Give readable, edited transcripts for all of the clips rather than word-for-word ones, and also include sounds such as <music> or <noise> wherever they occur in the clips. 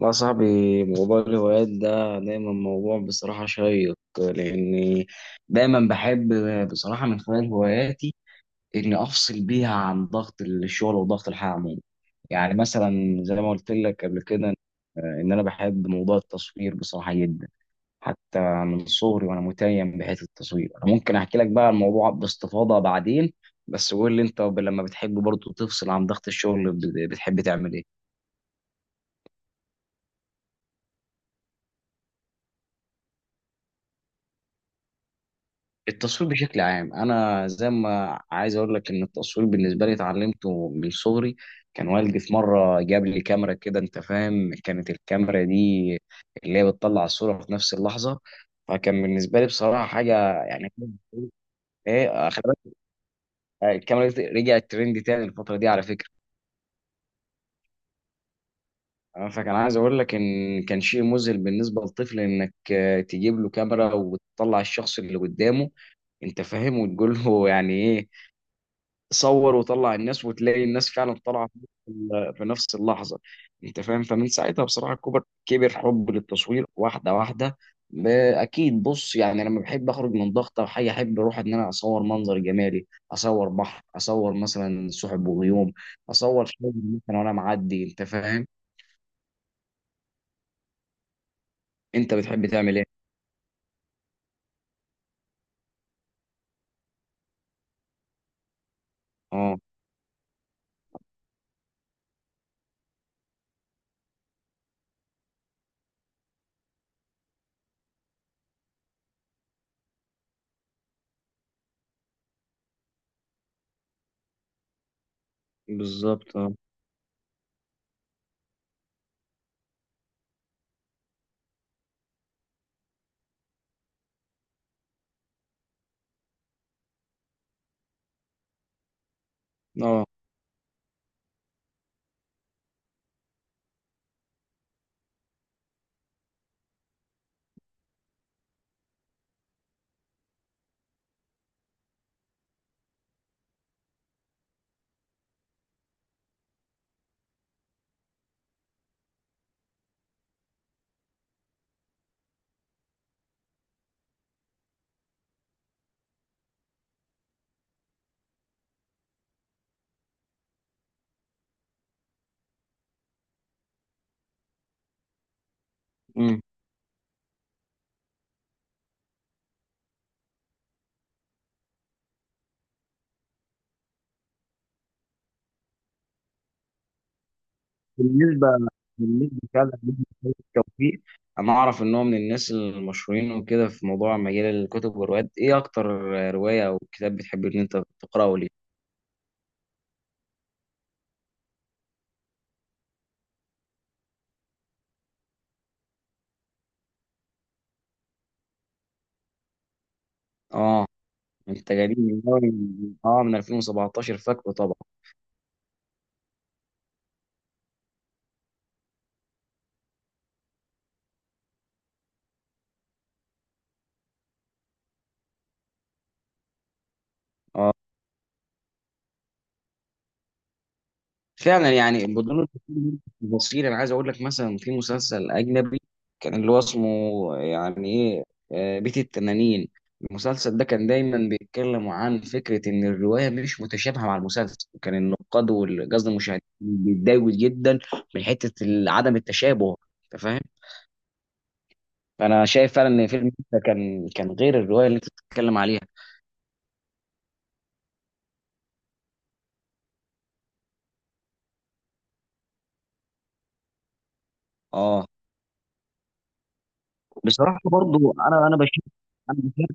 لا صاحبي، موضوع الهوايات ده دايما موضوع بصراحة شيق، لأني دايما بحب بصراحة من خلال هواياتي إني أفصل بيها عن ضغط الشغل وضغط الحياة عموما. يعني مثلا زي ما قلت لك قبل كده، إن أنا بحب موضوع التصوير بصراحة جدا، حتى من صغري وأنا متيم بحيث التصوير. أنا ممكن أحكي لك بقى الموضوع باستفاضة بعدين، بس قول لي أنت لما بتحب برضه تفصل عن ضغط الشغل بتحب تعمل إيه؟ التصوير بشكل عام، انا زي ما عايز اقول لك ان التصوير بالنسبه لي اتعلمته من صغري. كان والدي في مره جاب لي كاميرا كده، انت فاهم، كانت الكاميرا دي اللي هي بتطلع الصوره في نفس اللحظه. فكان بالنسبه لي بصراحه حاجه يعني. ايه، خلي بالك الكاميرا دي رجعت ترند تاني الفتره دي على فكره. أنا فكان عايز اقول لك ان كان شيء مذهل بالنسبه للطفل انك تجيب له كاميرا وتطلع الشخص اللي قدامه، انت فاهم، وتقول له يعني ايه، صور وطلع الناس، وتلاقي الناس فعلا طالعه في نفس اللحظه، انت فاهم. فمن ساعتها بصراحه كبر حب للتصوير واحده واحده. ب- اكيد، بص، يعني لما بحب اخرج من ضغط او حاجه احب اروح ان انا اصور منظر جمالي، اصور بحر، اصور مثلا سحب وغيوم، اصور شجر مثلا وانا معدي، انت فاهم. انت بتحب تعمل ايه؟ اه، بالظبط. اه، اه، مم. بالنسبه بالنسبة فعلا لأحمد توفيق، أنا أعرف إن هو من الناس المشهورين وكده في موضوع مجال الكتب والروايات، إيه أكتر رواية أو كتاب بتحب إن أنت تقرأه ليه؟ آه، أنت جديد من أول، آه، من 2017 فاكره طبعا. فعلا يعني بدون، بصير انا عايز اقول لك مثلا في مسلسل اجنبي كان اللي هو اسمه يعني ايه، بيت التنانين. المسلسل ده كان دايما بيتكلموا عن فكره ان الروايه مش متشابهه مع المسلسل، وكان النقاد والقصد المشاهدين بيتضايقوا جدا من حته عدم التشابه، انت فاهم. فانا شايف فعلا ان فيلم ده كان غير الروايه اللي انت بتتكلم عليها. اه، بصراحه برضو، انا بشوف، انا بشوف،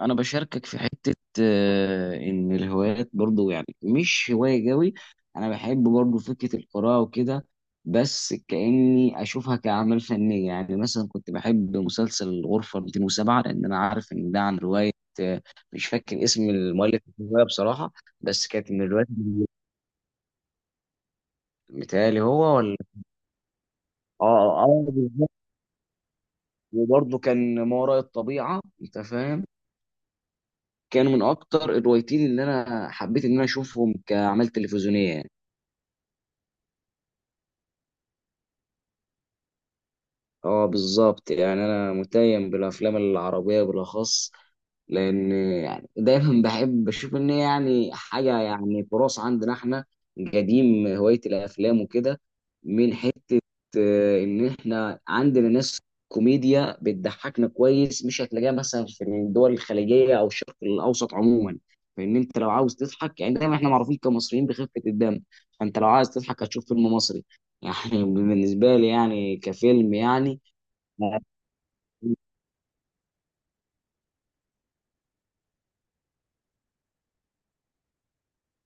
انا بشاركك في حته ان الهوايات برضو يعني مش هوايه قوي. انا بحب برضو فكره القراءه وكده، بس كاني اشوفها كاعمال فنيه. يعني مثلا كنت بحب مسلسل الغرفه 207، لان انا عارف ان ده عن روايه. آه، مش فاكر اسم المؤلف الروايه بصراحه، بس كانت من الروايات دي. متهيألي هو ولا. اه، اه، بالظبط. وبرضه كان ما وراء الطبيعه، انت فاهم، كانوا من اكتر الروايتين اللي انا حبيت ان انا اشوفهم كاعمال تلفزيونيه. اه، بالظبط، يعني انا متيم بالافلام العربيه بالاخص، لان يعني دايما <laughs> بحب بشوف ان هي يعني حاجه يعني تراث عندنا احنا قديم هوايه الافلام وكده، من حته ان احنا عندنا ناس كوميديا بتضحكنا كويس مش هتلاقيها مثلا في الدول الخليجيه او الشرق الاوسط عموما. فان انت لو عاوز تضحك، يعني دايما احنا معروفين كمصريين بخفه الدم، فانت لو عايز تضحك هتشوف فيلم مصري <laughs> يعني بالنسبه لي يعني كفيلم يعني. ما-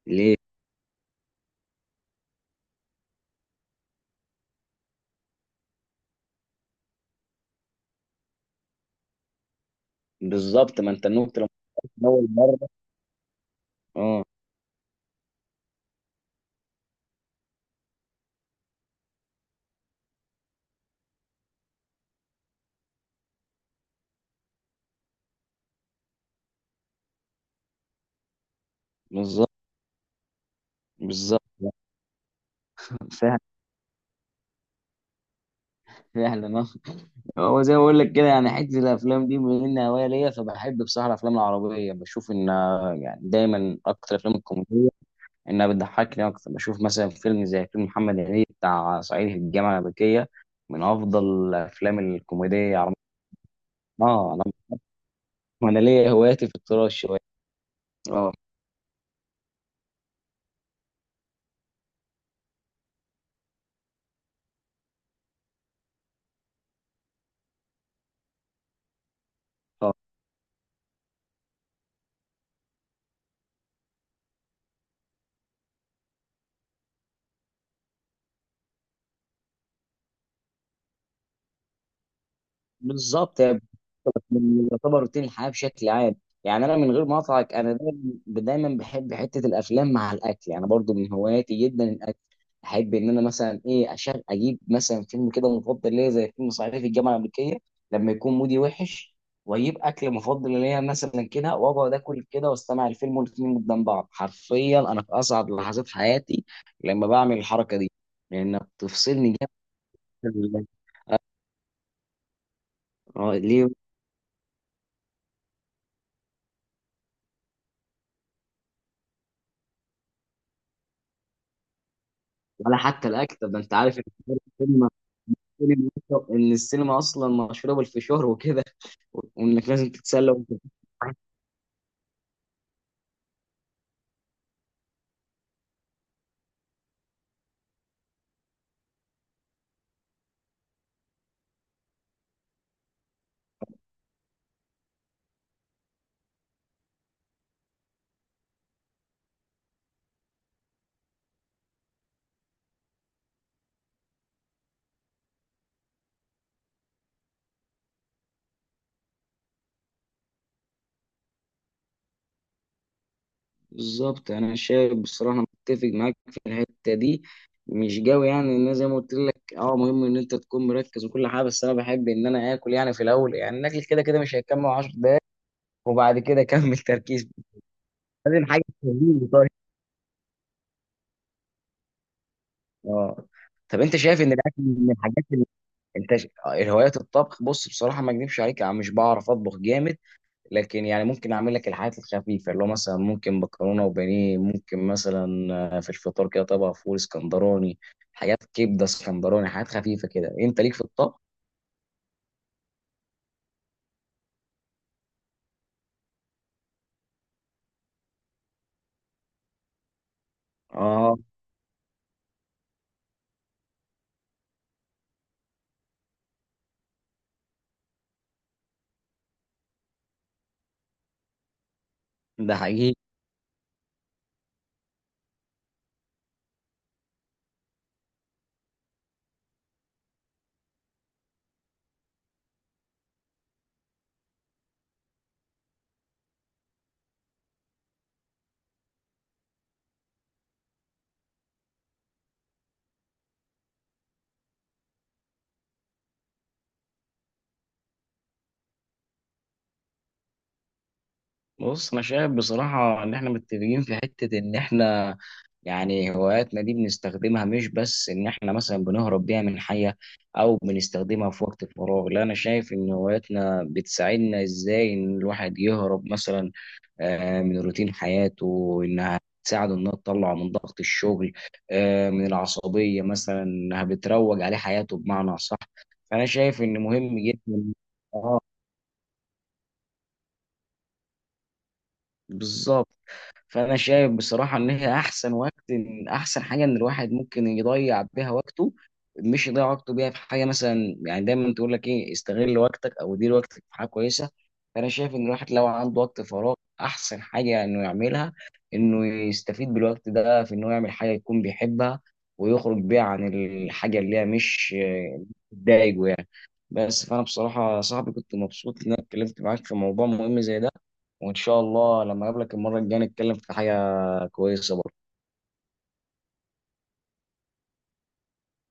ليه؟ بالظبط، ما انت النكته لما كنت اول مره. اه، بالظبط. بالظبط. فعلا. فعلا. اه، هو زي ما بقول لك كده، يعني حته الافلام دي بما انها هوايه ليا، فبحب بصراحه الافلام العربيه، بشوف ان يعني دايما اكتر الافلام الكوميديه انها بتضحكني اكتر. بشوف مثلا فيلم زي فيلم محمد هنيدي بتاع صعيدي في الجامعه الامريكيه، من افضل الافلام الكوميديه العربيه. اه، انا انا ليا هواياتي في التراش شويه. اه، اه، بالظبط. من يعتبر روتين الحياه بشكل عام. يعني انا من غير ما اقطعك، انا دايما بحب حته الافلام مع الاكل، يعني برضو من هواياتي جدا الاكل. احب ان انا مثلا ايه أشغل اجيب مثلا فيلم كده مفضل ليا زي فيلم صعيدي في الجامعه الامريكيه لما يكون مودي وحش، واجيب اكل مفضل ليا مثلا كده، واقعد اكل كده واستمع الفيلم والاتنين قدام بعض. حرفيا انا في اصعب لحظات حياتي لما بعمل الحركه دي، لانها بتفصلني جامد عن ليه؟ ولا حتى الاكل؟ طب ده انت عارف السينما ان السينما اصلا مشهوره بالفشار وكده، وانك لازم تتسلى وانت. بالظبط، انا شايف بصراحه أنا متفق معاك في الحته دي، مش قوي يعني. ان أنا زي ما قلت لك، اه، مهم ان انت تكون مركز وكل حاجه، بس انا بحب ان انا اكل يعني في الاول. يعني الاكل كده كده مش هيكمل 10 دقائق، وبعد كده اكمل تركيز. لازم حاجه تهديني، طيب. اه. طب انت شايف ان الاكل من الحاجات اللي الهوايات الطبخ؟ بص بصراحه، ما اكذبش عليك، انا مش بعرف اطبخ جامد، لكن يعني ممكن اعمل لك الحاجات الخفيفه، اللي هو مثلا ممكن مكرونه وبانيه، ممكن مثلا في الفطار كده طبق فول اسكندراني، حاجات كبده اسكندراني، حاجات خفيفه كده. انت ليك في الطبخ؟ اه، ده حقيقي. بص، انا شايف بصراحه ان احنا متفقين في حته ان احنا يعني هواياتنا دي بنستخدمها مش بس ان احنا مثلا بنهرب بيها من حياة، او بنستخدمها في وقت الفراغ. لا، انا شايف ان هواياتنا بتساعدنا ازاي ان الواحد يهرب مثلا من روتين حياته، انها تساعده انها تطلعه من ضغط الشغل من العصبية مثلا، انها بتروج عليه حياته بمعنى صح. فانا شايف ان مهم جدا. اه، بالظبط. فانا شايف بصراحه ان هي احسن وقت، احسن حاجه ان الواحد ممكن يضيع بيها وقته، مش يضيع وقته بيها في حاجه. مثلا يعني دايما تقول لك ايه، استغل وقتك او دير وقتك في حاجه كويسه. فانا شايف ان الواحد لو عنده وقت فراغ، احسن حاجه انه يعملها انه يستفيد بالوقت ده في انه يعمل حاجه يكون بيحبها، ويخرج بيها عن الحاجه اللي هي مش بتضايقه يعني. بس فانا بصراحه يا صاحبي كنت مبسوط ان انا اتكلمت معاك في موضوع مهم زي ده، وان شاء الله لما اقابلك المره الجايه نتكلم في حاجه كويسه برضه.